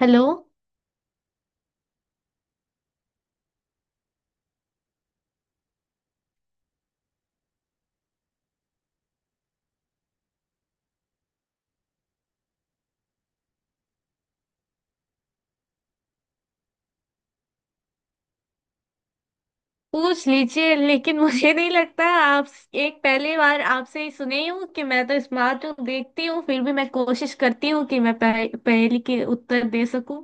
Hello. पूछ लीजिए, लेकिन मुझे नहीं लगता आप। एक पहली बार आपसे ही सुनी हूँ कि मैं तो स्मार्ट हूँ। देखती हूँ, फिर भी मैं कोशिश करती हूँ कि मैं पहेली के उत्तर दे सकूं।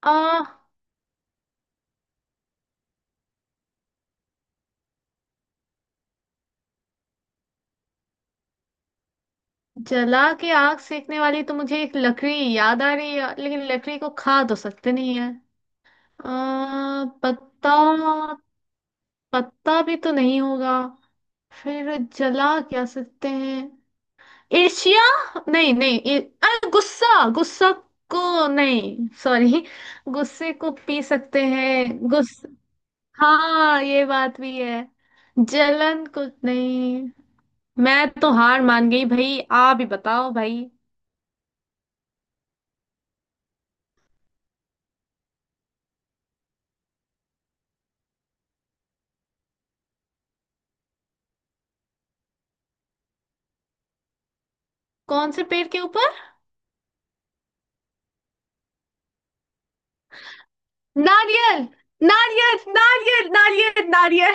आ, जला के आग सेकने वाली तो मुझे एक लकड़ी याद आ रही है, लेकिन लकड़ी को खा तो सकते नहीं है। आ, पत्ता। पत्ता भी तो नहीं होगा। फिर जला क्या सकते हैं। एशिया। नहीं नहीं, अरे गुस्सा गुस्सा को नहीं, सॉरी। गुस्से को पी सकते हैं। गुस। हाँ, ये बात भी है। जलन। कुछ नहीं, मैं तो हार मान गई भाई, आप ही बताओ भाई। कौन से पेड़ के ऊपर। नारियल, नारियल, नारियल, नारियल, नारियल।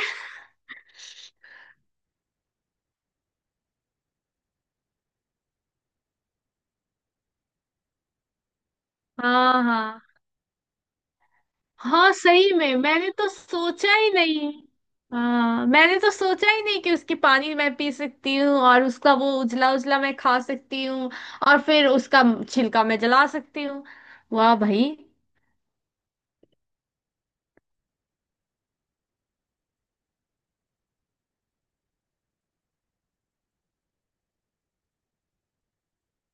हाँ, हाँ। हाँ, सही में मैंने तो सोचा ही नहीं। हाँ, मैंने तो सोचा ही नहीं कि उसकी पानी मैं पी सकती हूँ और उसका वो उजला उजला मैं खा सकती हूँ। और फिर उसका छिलका मैं जला सकती हूँ। वाह भाई।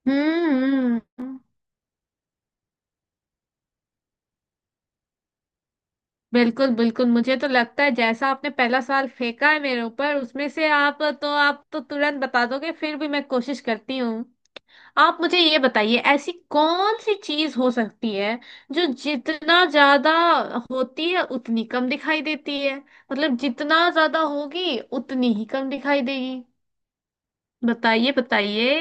हम्म, बिल्कुल बिल्कुल। मुझे तो लगता है, जैसा आपने पहला सवाल फेंका है मेरे ऊपर, उसमें से आप तो तुरंत बता दोगे, फिर भी मैं कोशिश करती हूँ। आप मुझे ये बताइए, ऐसी कौन सी चीज हो सकती है जो जितना ज्यादा होती है उतनी कम दिखाई देती है। मतलब जितना ज्यादा होगी उतनी ही कम दिखाई देगी। बताइए, बताइए।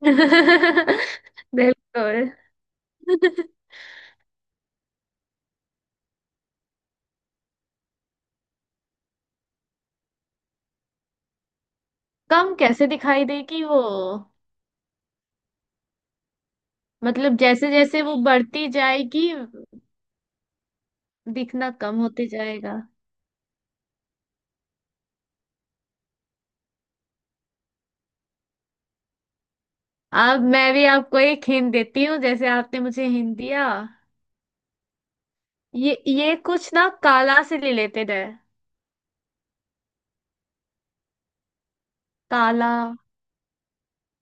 बिल्कुल। कम कैसे दिखाई देगी वो। मतलब जैसे जैसे वो बढ़ती जाएगी, दिखना कम होते जाएगा। अब मैं भी आपको एक हिंट देती हूँ, जैसे आपने मुझे हिंट दिया। ये कुछ ना काला से रिलेटेड है। काला।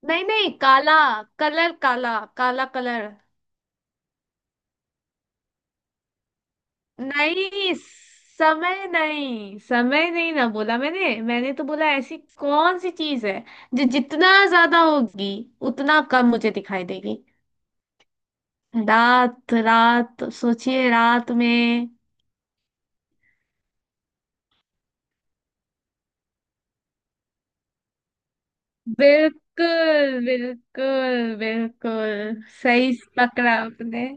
नहीं नहीं, काला कलर। काला काला कलर। नहीं, समय नहीं, समय नहीं ना, बोला मैंने। मैंने तो बोला, ऐसी कौन सी चीज है जो जितना ज्यादा होगी उतना कम मुझे दिखाई देगी। रात, रात। सोचिए, रात में। बिल्कुल, बिल्कुल बिल्कुल सही पकड़ा आपने।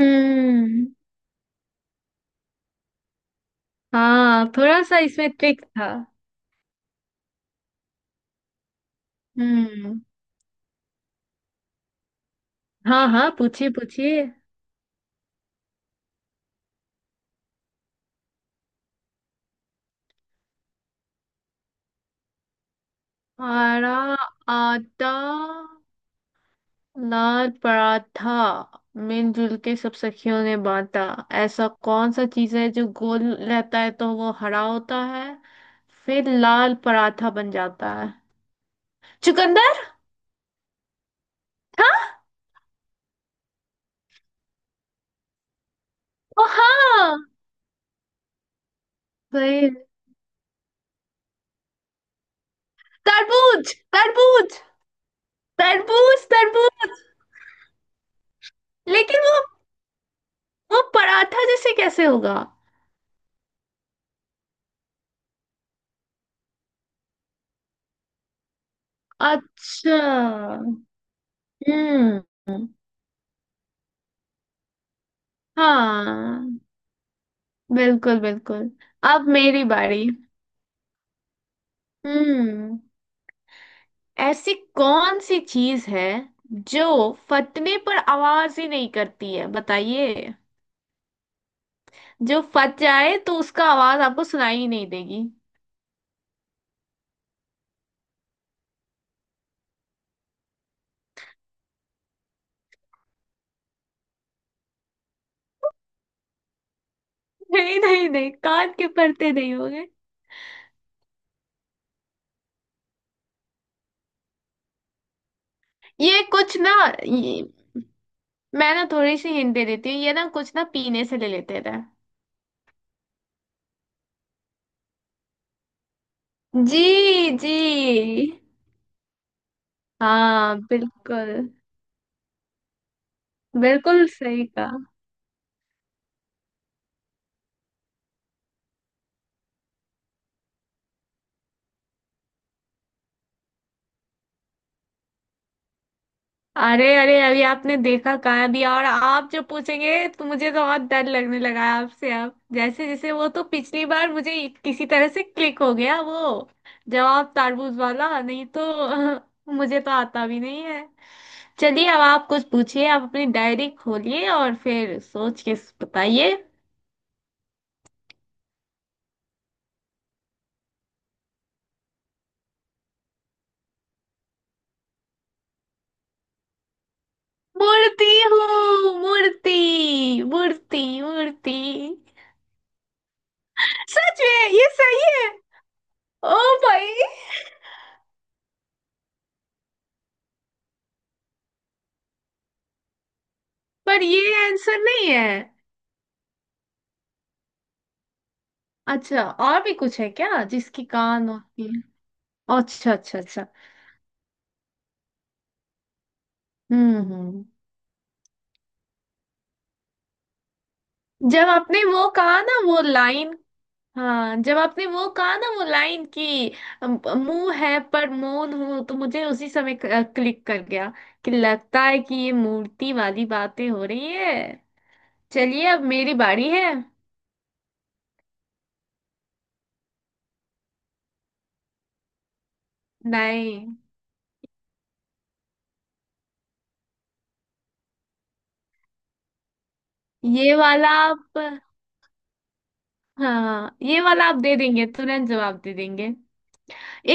हम्म। हाँ, थोड़ा सा इसमें ट्रिक था। हम्म। हाँ हाँ, पूछिए पूछिए। हरा आटा, लाल पराठा, मिलजुल के सब सखियों ने बांटा। ऐसा कौन सा चीज है जो गोल रहता है तो वो हरा होता है, फिर लाल पराठा बन जाता है। चुकंदर। हाँ। ओ हाँ, सही है। तरबूज, तरबूज, तरबूज, तरबूज। लेकिन वो पराठा जैसे कैसे होगा। अच्छा। हम्म। हाँ, बिल्कुल बिल्कुल। अब मेरी बारी। हम्म, ऐसी कौन सी चीज है जो फटने पर आवाज ही नहीं करती है, बताइए। जो फट जाए तो उसका आवाज आपको सुनाई ही नहीं देगी। नहीं नहीं नहीं, कान के पर्दे नहीं होंगे। ये कुछ ना ये, मैं ना थोड़ी सी हिंट दे देती हूँ। ये ना कुछ ना पीने से ले लेते थे। जी। जी। हाँ, बिल्कुल। बिल्कुल सही कहा। अरे अरे, अभी आपने देखा कहाँ दिया, और आप जो पूछेंगे तो मुझे तो बहुत डर लगने लगा है आपसे। अब जैसे जैसे वो, तो पिछली बार मुझे किसी तरह से क्लिक हो गया, वो जवाब तारबूज वाला। नहीं तो अ, मुझे तो आता भी नहीं है। चलिए, अब आप कुछ पूछिए। आप अपनी डायरी खोलिए और फिर सोच के बताइए। मूर्ति हूँ, मूर्ति, मूर्ति, मूर्ति। सच में ये सही है। ओ भाई, पर ये आंसर नहीं है। अच्छा, और भी कुछ है क्या जिसकी कान होती है। अच्छा अच्छा अच्छा। हम्म। जब आपने वो कहा ना, वो लाइन। हाँ, जब आपने वो कहा ना, वो लाइन की मुंह है पर मौन हूँ, तो मुझे उसी समय क्लिक कर गया कि लगता है कि ये मूर्ति वाली बातें हो रही है। चलिए, अब मेरी बारी है। नहीं, ये वाला आप। हाँ, ये वाला आप दे देंगे, तुरंत जवाब दे देंगे।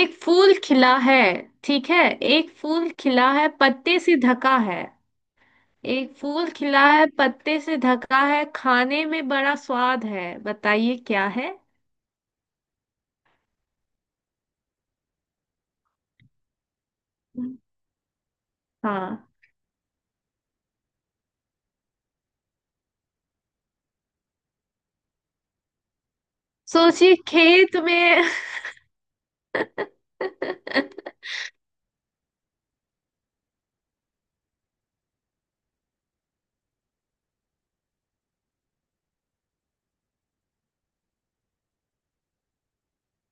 एक फूल खिला है, ठीक है। एक फूल खिला है, पत्ते से ढका है। एक फूल खिला है, पत्ते से ढका है, खाने में बड़ा स्वाद है, बताइए क्या है। हाँ, सोचिए खेत में।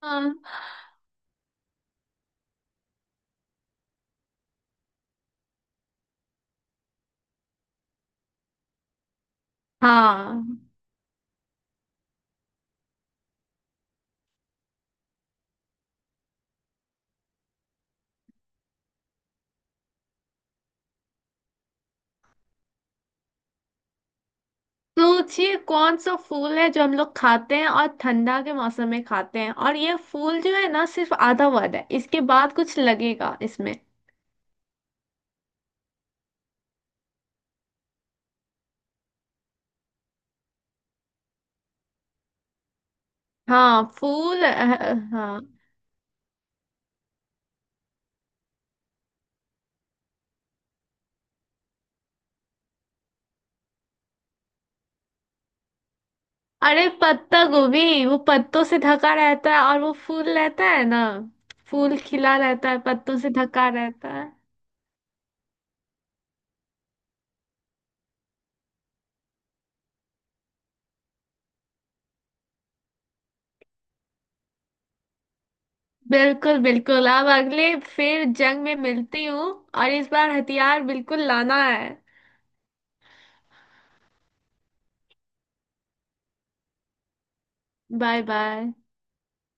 हाँ हाँ, सोचिए कौन सा फूल है जो हम लोग खाते हैं और ठंडा के मौसम में खाते हैं, और ये फूल जो है ना सिर्फ आधा वर्ड है, इसके बाद कुछ लगेगा इसमें। हाँ, हाँ, अरे पत्ता गोभी। वो पत्तों से ढका रहता है और वो फूल रहता है ना। फूल खिला रहता है, पत्तों से ढका रहता है। बिल्कुल बिल्कुल। अब अगले फिर जंग में मिलती हूँ, और इस बार हथियार बिल्कुल लाना है। Bye bye.